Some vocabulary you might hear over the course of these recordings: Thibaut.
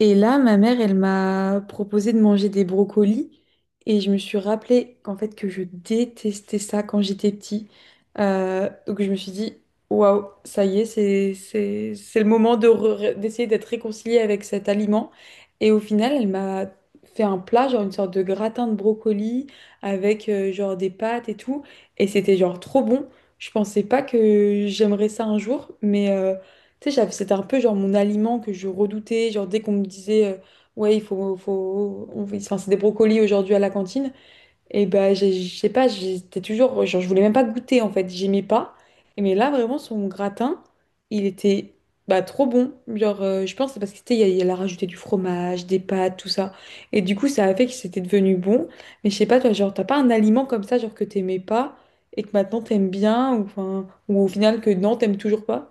Et là, ma mère, elle m'a proposé de manger des brocolis et je me suis rappelé qu'en fait que je détestais ça quand j'étais petit. Donc je me suis dit, waouh, ça y est, c'est le moment d'essayer d'être réconciliée avec cet aliment. Et au final, elle m'a fait un plat, genre une sorte de gratin de brocolis avec genre des pâtes et tout. Et c'était genre trop bon. Je pensais pas que j'aimerais ça un jour, mais tu sais, c'était un peu genre mon aliment que je redoutais. Genre, dès qu'on me disait, ouais, il faut, faut, on- enfin, c'est des brocolis aujourd'hui à la cantine, et ben, je sais pas, j'étais toujours, genre, je voulais même pas goûter en fait, j'aimais pas. Et mais là, vraiment, son gratin, il était bah, trop bon. Genre, je pense que c'est parce qu'il il y a il a rajouté du fromage, des pâtes, tout ça. Et du coup, ça a fait que c'était devenu bon. Mais je sais pas, toi, genre, t'as pas un aliment comme ça, genre, que t'aimais pas et que maintenant t'aimes bien, ou, enfin, ou au final que non, t'aimes toujours pas?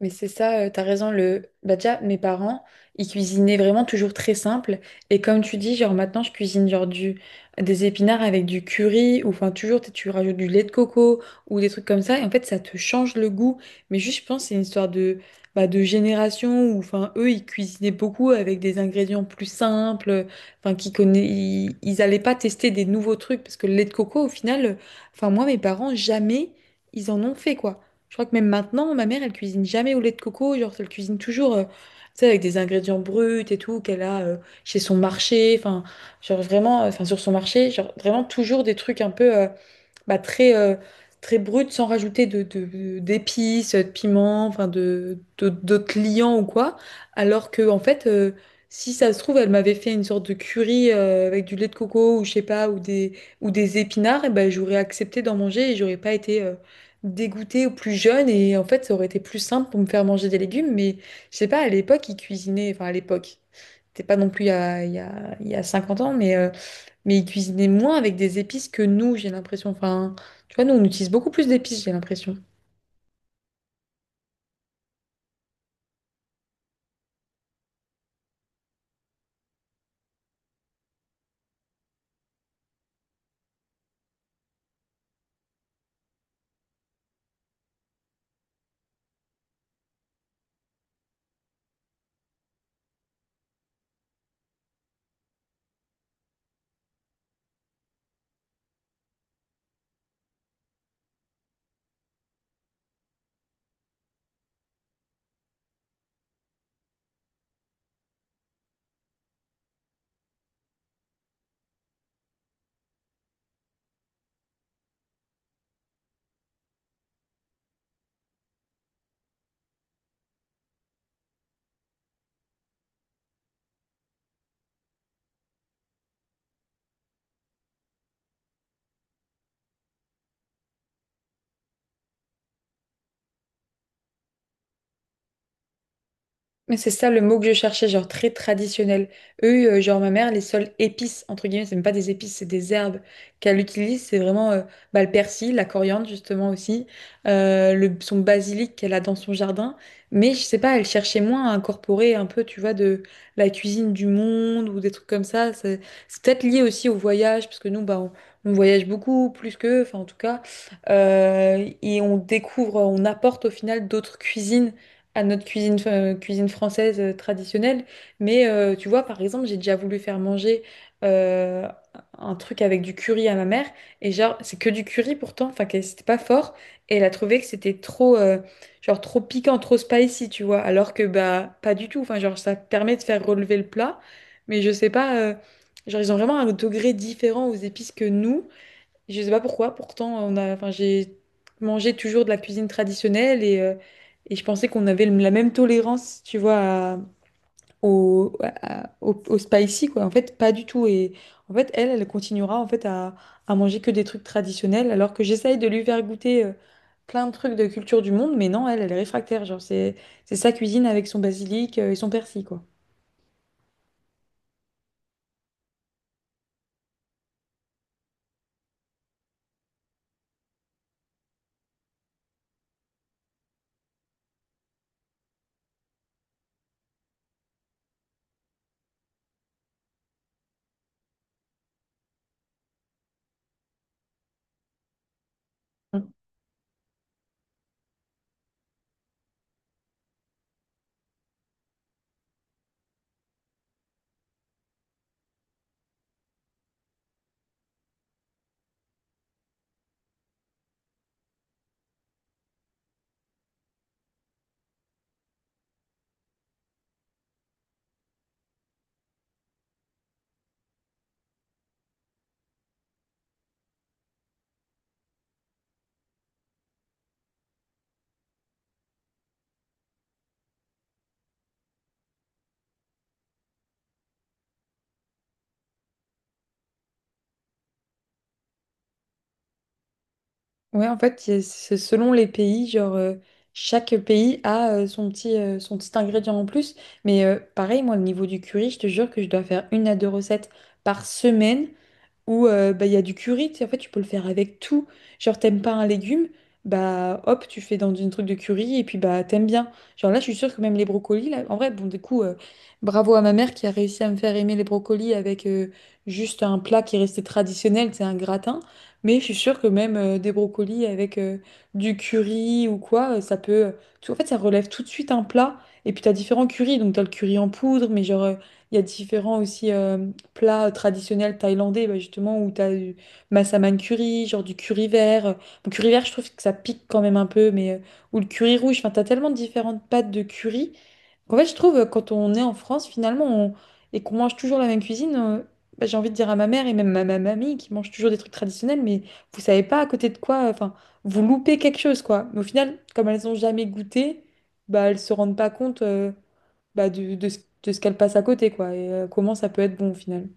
Mais c'est ça, t'as raison. Bah déjà, mes parents, ils cuisinaient vraiment toujours très simple. Et comme tu dis, genre maintenant, je cuisine des épinards avec du curry, ou enfin toujours, tu rajoutes du lait de coco, ou des trucs comme ça. Et en fait, ça te change le goût. Mais juste, je pense, que c'est une histoire bah, de génération, où enfin, eux, ils cuisinaient beaucoup avec des ingrédients plus simples, enfin, ils allaient pas tester des nouveaux trucs, parce que le lait de coco, au final, enfin, moi, mes parents, jamais, ils en ont fait, quoi. Je crois que même maintenant, ma mère, elle cuisine jamais au lait de coco. Genre, elle cuisine toujours, tu sais, avec des ingrédients bruts et tout, qu'elle a chez son marché. Enfin, genre vraiment, enfin, sur son marché, genre vraiment toujours des trucs un peu, bah, très, très brute, sans rajouter d'épices, de piments, enfin d'autres liants ou quoi. Alors que, en fait, si ça se trouve, elle m'avait fait une sorte de curry avec du lait de coco ou je sais pas, ou des épinards, et ben j'aurais accepté d'en manger et j'aurais pas été, dégoûtée ou plus jeune et en fait ça aurait été plus simple pour me faire manger des légumes, mais je sais pas, à l'époque ils cuisinaient, enfin, à l'époque c'était pas non plus il y a, il y a, il y a 50 ans, mais ils cuisinaient moins avec des épices que nous, j'ai l'impression. Enfin, tu vois, nous, on utilise beaucoup plus d'épices, j'ai l'impression. Mais c'est ça le mot que je cherchais, genre très traditionnel. Eux, genre ma mère, les seules épices, entre guillemets, c'est même pas des épices, c'est des herbes qu'elle utilise. C'est vraiment bah, le persil, la coriandre justement aussi, son basilic qu'elle a dans son jardin. Mais je sais pas, elle cherchait moins à incorporer un peu, tu vois, de la cuisine du monde ou des trucs comme ça. C'est peut-être lié aussi au voyage, parce que nous, bah, on voyage beaucoup, plus qu'eux, enfin en tout cas. Et on découvre, on apporte au final d'autres cuisines à notre cuisine, cuisine française traditionnelle. Mais tu vois, par exemple, j'ai déjà voulu faire manger euh, un truc avec du curry à ma mère. Et genre, c'est que du curry pourtant, enfin, que c'était pas fort. Et elle a trouvé que c'était trop, genre, trop piquant, trop spicy, tu vois. Alors que, bah, pas du tout. Enfin, genre, ça permet de faire relever le plat. Mais je sais pas, genre, ils ont vraiment un degré différent aux épices que nous. Je sais pas pourquoi, pourtant on a, enfin j'ai mangé toujours de la cuisine traditionnelle, et je pensais qu'on avait la même tolérance, tu vois, au spicy quoi. En fait, pas du tout. Et en fait, elle, elle continuera en fait à manger que des trucs traditionnels, alors que j'essaye de lui faire goûter plein de trucs de culture du monde, mais non, elle, elle est réfractaire. Genre c'est sa cuisine avec son basilic et son persil quoi. Mm. Ouais, en fait, c'est selon les pays, genre chaque pays a son petit ingrédient en plus. Mais pareil, moi, au niveau du curry, je te jure que je dois faire une à deux recettes par semaine, ou bah, il y a du curry, tu sais, en fait, tu peux le faire avec tout. Genre, t'aimes pas un légume, bah hop, tu fais dans une truc de curry et puis bah t'aimes bien. Genre là, je suis sûre que même les brocolis, là, en vrai, bon, du coup, bravo à ma mère qui a réussi à me faire aimer les brocolis avec juste un plat qui restait traditionnel, c'est un gratin. Mais je suis sûre que même des brocolis avec du curry ou quoi, ça peut, en fait, ça relève tout de suite un plat. Et puis t'as différents currys, donc t'as le curry en poudre, mais genre, il y a différents aussi plats traditionnels thaïlandais, bah, justement, où tu as du massaman curry, genre du curry vert. Bon, curry vert, je trouve que ça pique quand même un peu, mais ou le curry rouge. Enfin, tu as tellement de différentes pâtes de curry. En fait, je trouve, quand on est en France, finalement, et qu'on mange toujours la même cuisine, bah, j'ai envie de dire à ma mère et même à ma mamie qui mange toujours des trucs traditionnels, mais vous savez pas à côté de quoi, enfin, vous loupez quelque chose, quoi. Mais au final, comme elles n'ont jamais goûté, bah, elles se rendent pas compte, bah, de ce qu'elle passe à côté, quoi, et comment ça peut être bon au final.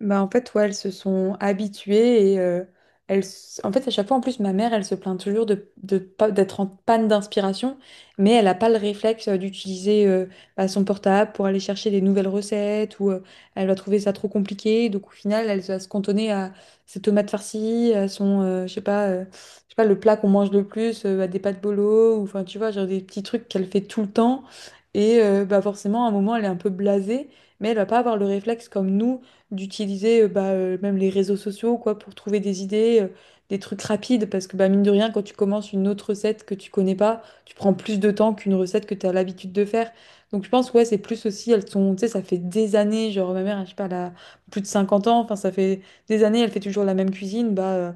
Bah en fait, ouais, elles se sont habituées et elles, en fait, à chaque fois, en plus, ma mère, elle se plaint toujours de pas, d'être en panne d'inspiration, mais elle n'a pas le réflexe d'utiliser bah, son portable pour aller chercher des nouvelles recettes, ou elle va trouver ça trop compliqué. Donc, au final, elle va se cantonner à ses tomates farcies, à son, je sais pas, le plat qu'on mange le plus, à des pâtes bolo, ou enfin, tu vois, genre des petits trucs qu'elle fait tout le temps. Et bah, forcément, à un moment, elle est un peu blasée, mais elle va pas avoir le réflexe comme nous d'utiliser bah, même les réseaux sociaux quoi pour trouver des idées, des trucs rapides, parce que bah, mine de rien, quand tu commences une autre recette que tu connais pas, tu prends plus de temps qu'une recette que tu as l'habitude de faire. Donc je pense ouais, c'est plus aussi, elles sont, tu sais, ça fait des années, genre ma mère, je sais pas, elle a plus de 50 ans, enfin ça fait des années, elle fait toujours la même cuisine, bah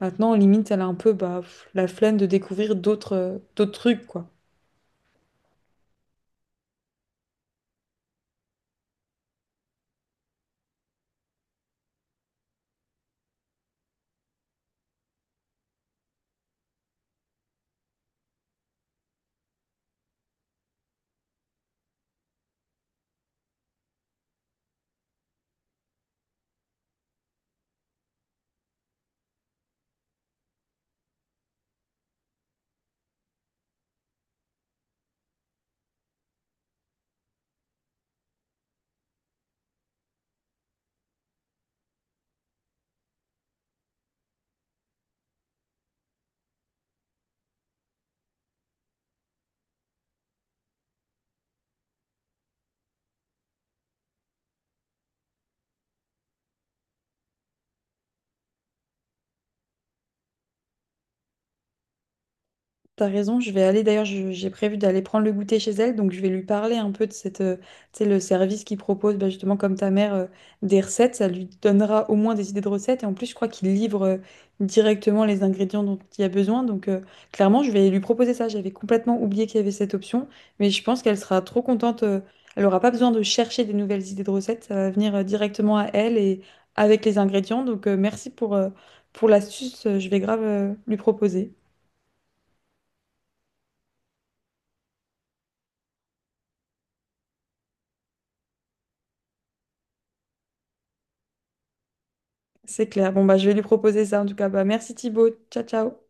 maintenant limite elle a un peu bah, pff, la flemme de découvrir d'autres trucs quoi. T'as raison, je vais aller d'ailleurs, j'ai prévu d'aller prendre le goûter chez elle, donc je vais lui parler un peu de cette, tu sais, le service qu'ils propose, bah, justement comme ta mère, des recettes, ça lui donnera au moins des idées de recettes, et en plus je crois qu'il livre directement les ingrédients dont il y a besoin, donc clairement je vais lui proposer ça, j'avais complètement oublié qu'il y avait cette option, mais je pense qu'elle sera trop contente, elle aura pas besoin de chercher des nouvelles idées de recettes, ça va venir directement à elle et avec les ingrédients, donc merci pour l'astuce, je vais grave lui proposer. C'est clair. Bon, bah, je vais lui proposer ça en tout cas. Bah, merci Thibaut. Ciao, ciao.